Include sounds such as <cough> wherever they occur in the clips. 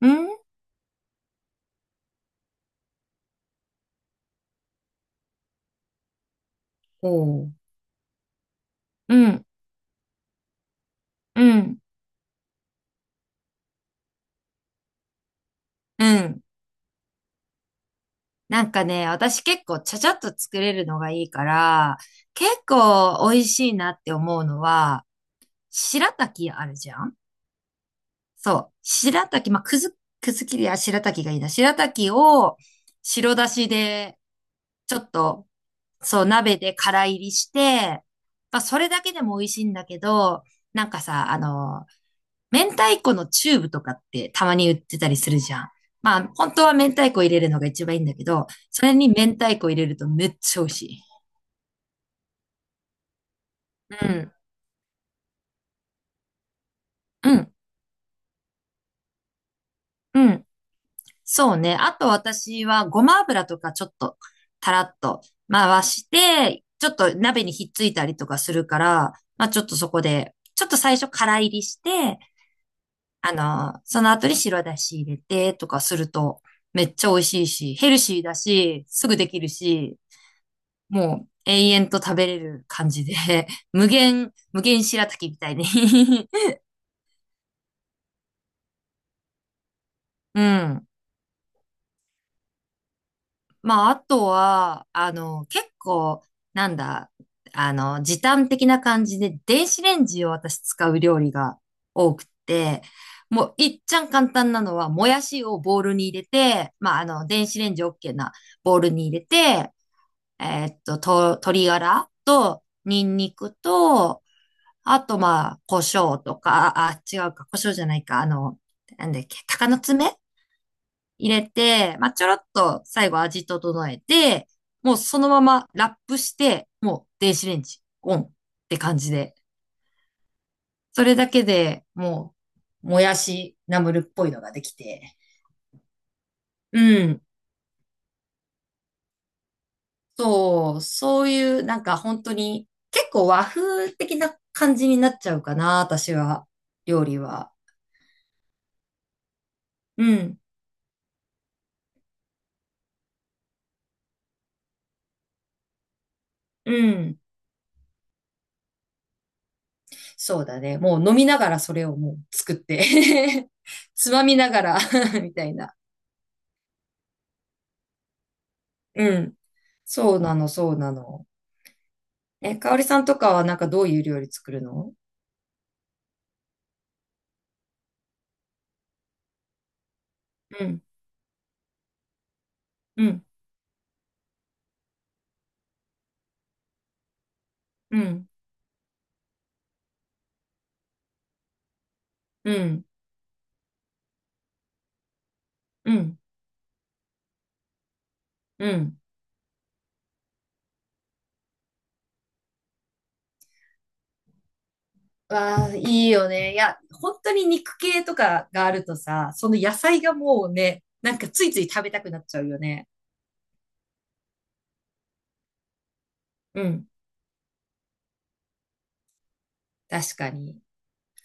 うん。おう。うん、うん、うん。なんかね、私結構ちゃちゃっと作れるのがいいから、結構美味しいなって思うのは、白滝あるじゃん。そう。白滝、まあ、くずきりや白滝がいいな。白滝を白だしで、ちょっと、そう、鍋で空入りして、まあ、それだけでも美味しいんだけど、なんかさ、明太子のチューブとかってたまに売ってたりするじゃん。まあ、本当は明太子入れるのが一番いいんだけど、それに明太子入れるとめっちゃ美味しい。うん、うん、うん。そうね。あと私はごま油とかちょっとたらっと回して、ちょっと鍋にひっついたりとかするから、まあちょっとそこで、ちょっと最初から入りして、その後に白だし入れてとかするとめっちゃ美味しいし、ヘルシーだし、すぐできるし、もう永遠と食べれる感じで、<laughs> 無限、無限白滝みたいに <laughs> うん。まあ、あとは、結構、なんだ、時短的な感じで、電子レンジを私使う料理が多くて、もう、いっちゃん簡単なのは、もやしをボウルに入れて、まあ、電子レンジ OK なボウルに入れて、鶏ガラと、ニンニクと、あと、まあ、胡椒とか、あ、違うか、胡椒じゃないか、なんだっけ、鷹の爪入れて、まあ、ちょろっと最後味整えて、もうそのままラップして、もう電子レンジオンって感じで、それだけでもう、もやしナムルっぽいのができて、うん、そう、そういうなんか本当に結構和風的な感じになっちゃうかな、私は、料理は。うん、うん。そうだね。もう飲みながらそれをもう作って <laughs> つまみながら <laughs> みたいな。うん。そうなの、そうなの。え、かおりさんとかはなんかどういう料理作るの？うん、うん、うん、うん、うん、うん。わあ、いいよね。いや、本当に肉系とかがあるとさ、その野菜がもうね、なんかついつい食べたくなっちゃうよね。うん、確かに。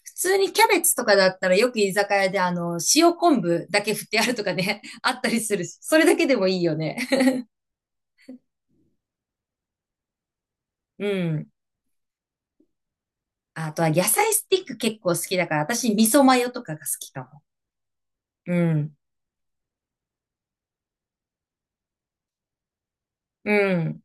普通にキャベツとかだったらよく居酒屋で塩昆布だけ振ってあるとかね、<laughs> あったりするし、それだけでもいいよね。<laughs> うん。あとは野菜スティック結構好きだから、私味噌マヨとかが好きかも。うん。うん。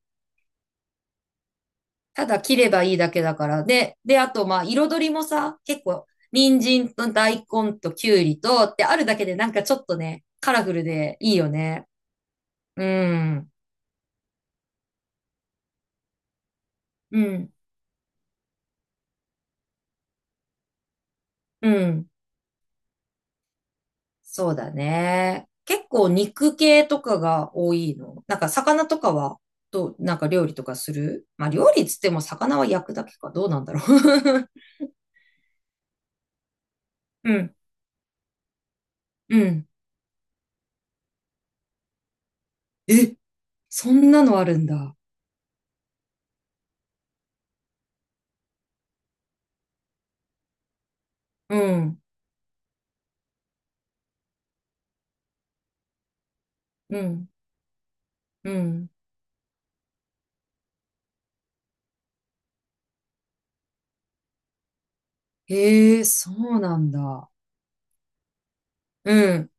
ただ切ればいいだけだから。で、あとまあ彩りもさ、結構、人参と大根ときゅうりとってあるだけでなんかちょっとね、カラフルでいいよね。うん。うん。うん。そうだね。結構肉系とかが多いの。なんか魚とかは、どう、なんか料理とかするまあ料理つっても魚は焼くだけか。どうなんだろう。<laughs> うん。うん。え、そんなのあるんだ。うん。うん。うん。へえ、そうなんだ。うん。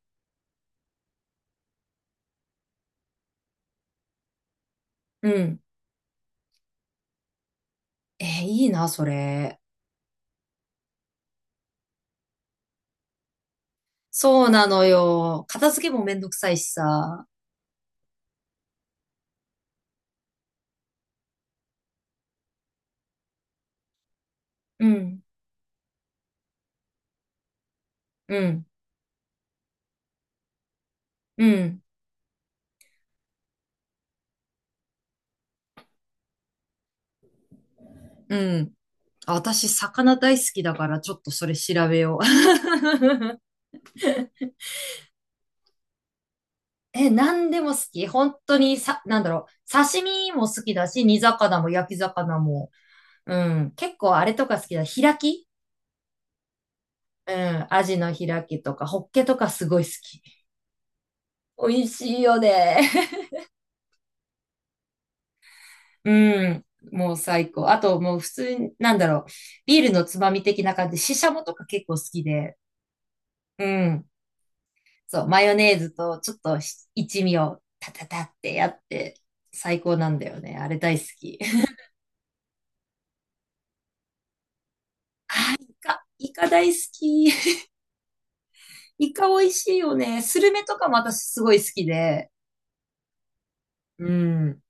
うん。えー、いいな、それ。そうなのよ。片付けもめんどくさいしさ。うん。うん。うん。うん。私、魚大好きだから、ちょっとそれ調べよう。<laughs> え、何でも好き。本当にさ、なんだろう。刺身も好きだし、煮魚も焼き魚も。うん。結構あれとか好きだ。開き。うん。アジの開きとか、ホッケとかすごい好き。美味しいよね。<laughs> うん。もう最高。あと、もう普通に、なんだろう。ビールのつまみ的な感じで、ししゃもとか結構好きで。うん。そう、マヨネーズとちょっとし一味をタタタってやって、最高なんだよね。あれ大好き。<laughs> あー、イカ、イカ大好き。<laughs> イカ美味しいよね。スルメとかも私すごい好きで。うん、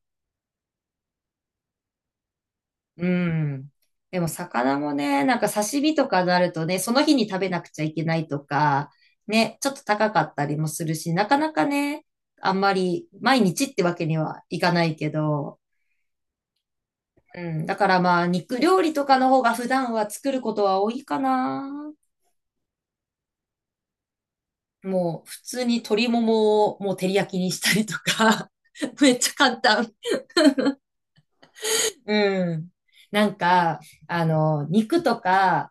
うん。でも魚もね、なんか刺身とかになるとね、その日に食べなくちゃいけないとか、ね、ちょっと高かったりもするし、なかなかね、あんまり毎日ってわけにはいかないけど、うん。だからまあ、肉料理とかの方が普段は作ることは多いかな。もう、普通に鶏ももをもう照り焼きにしたりとか。<laughs> めっちゃ簡単。うん。なんか、肉とか、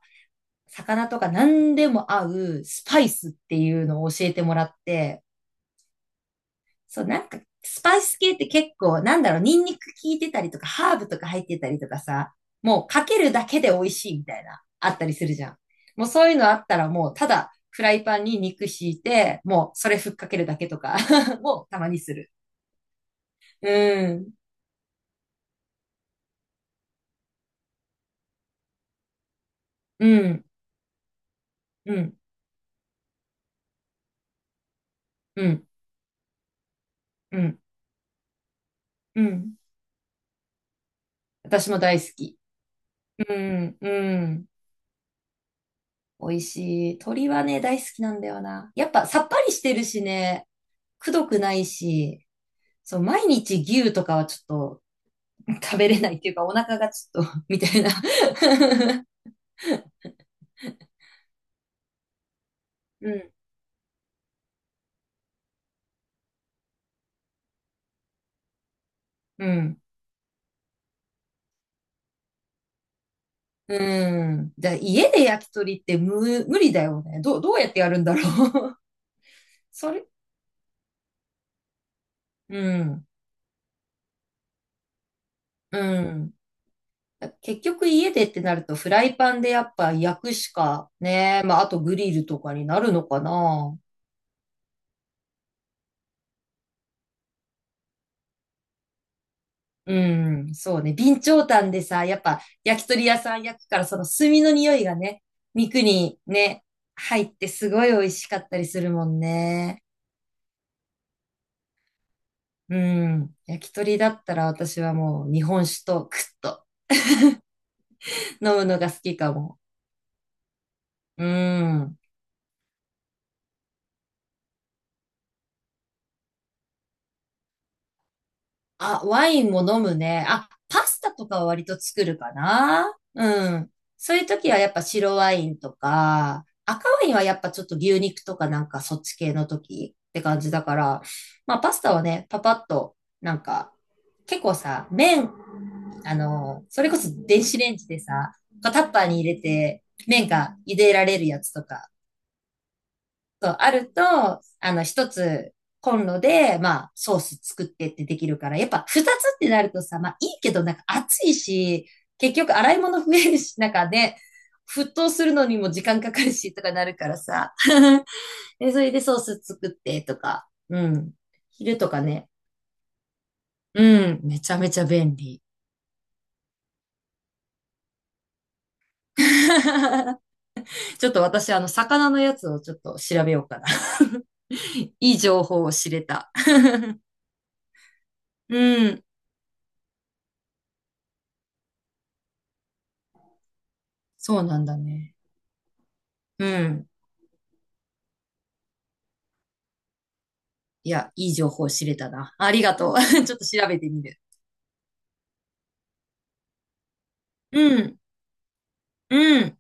魚とか何でも合うスパイスっていうのを教えてもらって、そう、なんか、スパイス系って結構、なんだろう、ニンニク効いてたりとか、ハーブとか入ってたりとかさ、もうかけるだけで美味しいみたいな、あったりするじゃん。もうそういうのあったらもう、ただ、フライパンに肉敷いて、もうそれふっかけるだけとか <laughs> もたまにする。うん、うん、うん、うん、うん、うん。私も大好き。うん、うん。美味しい。鶏はね、大好きなんだよな。やっぱさっぱりしてるしね、くどくないし、そう、毎日牛とかはちょっと食べれないっていうか、お腹がちょっと <laughs> みたいな <laughs> うん、うん、うん。じゃあ、家で焼き鳥って無理だよね。どうやってやるんだろう？ <laughs> それ、うん、うん。結局家でってなるとフライパンでやっぱ焼くしかね、まああとグリルとかになるのかな。うん、そうね。備長炭でさ、やっぱ焼き鳥屋さん焼くから、その炭の匂いがね、肉にね、入ってすごい美味しかったりするもんね。うん。焼き鳥だったら私はもう日本酒とクッと飲むのが好きかも。うん。あ、ワインも飲むね。あ、パスタとかは割と作るかな。うん。そういう時はやっぱ白ワインとか、赤ワインはやっぱちょっと牛肉とかなんかそっち系の時って感じだから、まあパスタはね、パパッと、なんか、結構さ、麺、それこそ電子レンジでさ、こうタッパーに入れて、麺が茹でられるやつとか、そう、あると、一つコンロで、まあ、ソース作ってってできるから、やっぱ二つってなるとさ、まあ、いいけど、なんか暑いし、結局洗い物増えるし、なんかね、沸騰するのにも時間かかるし、とかなるからさ。<laughs> で、それでソース作ってとか、うん。昼とかね。うん、めちゃめちゃ便利。<laughs> ちょっと私、魚のやつをちょっと調べようかな。<laughs> いい情報を知れた。<laughs> うん、そうなんだね。うん。いや、いい情報知れたな。ありがとう。<laughs> ちょっと調べてみる。うん。うん。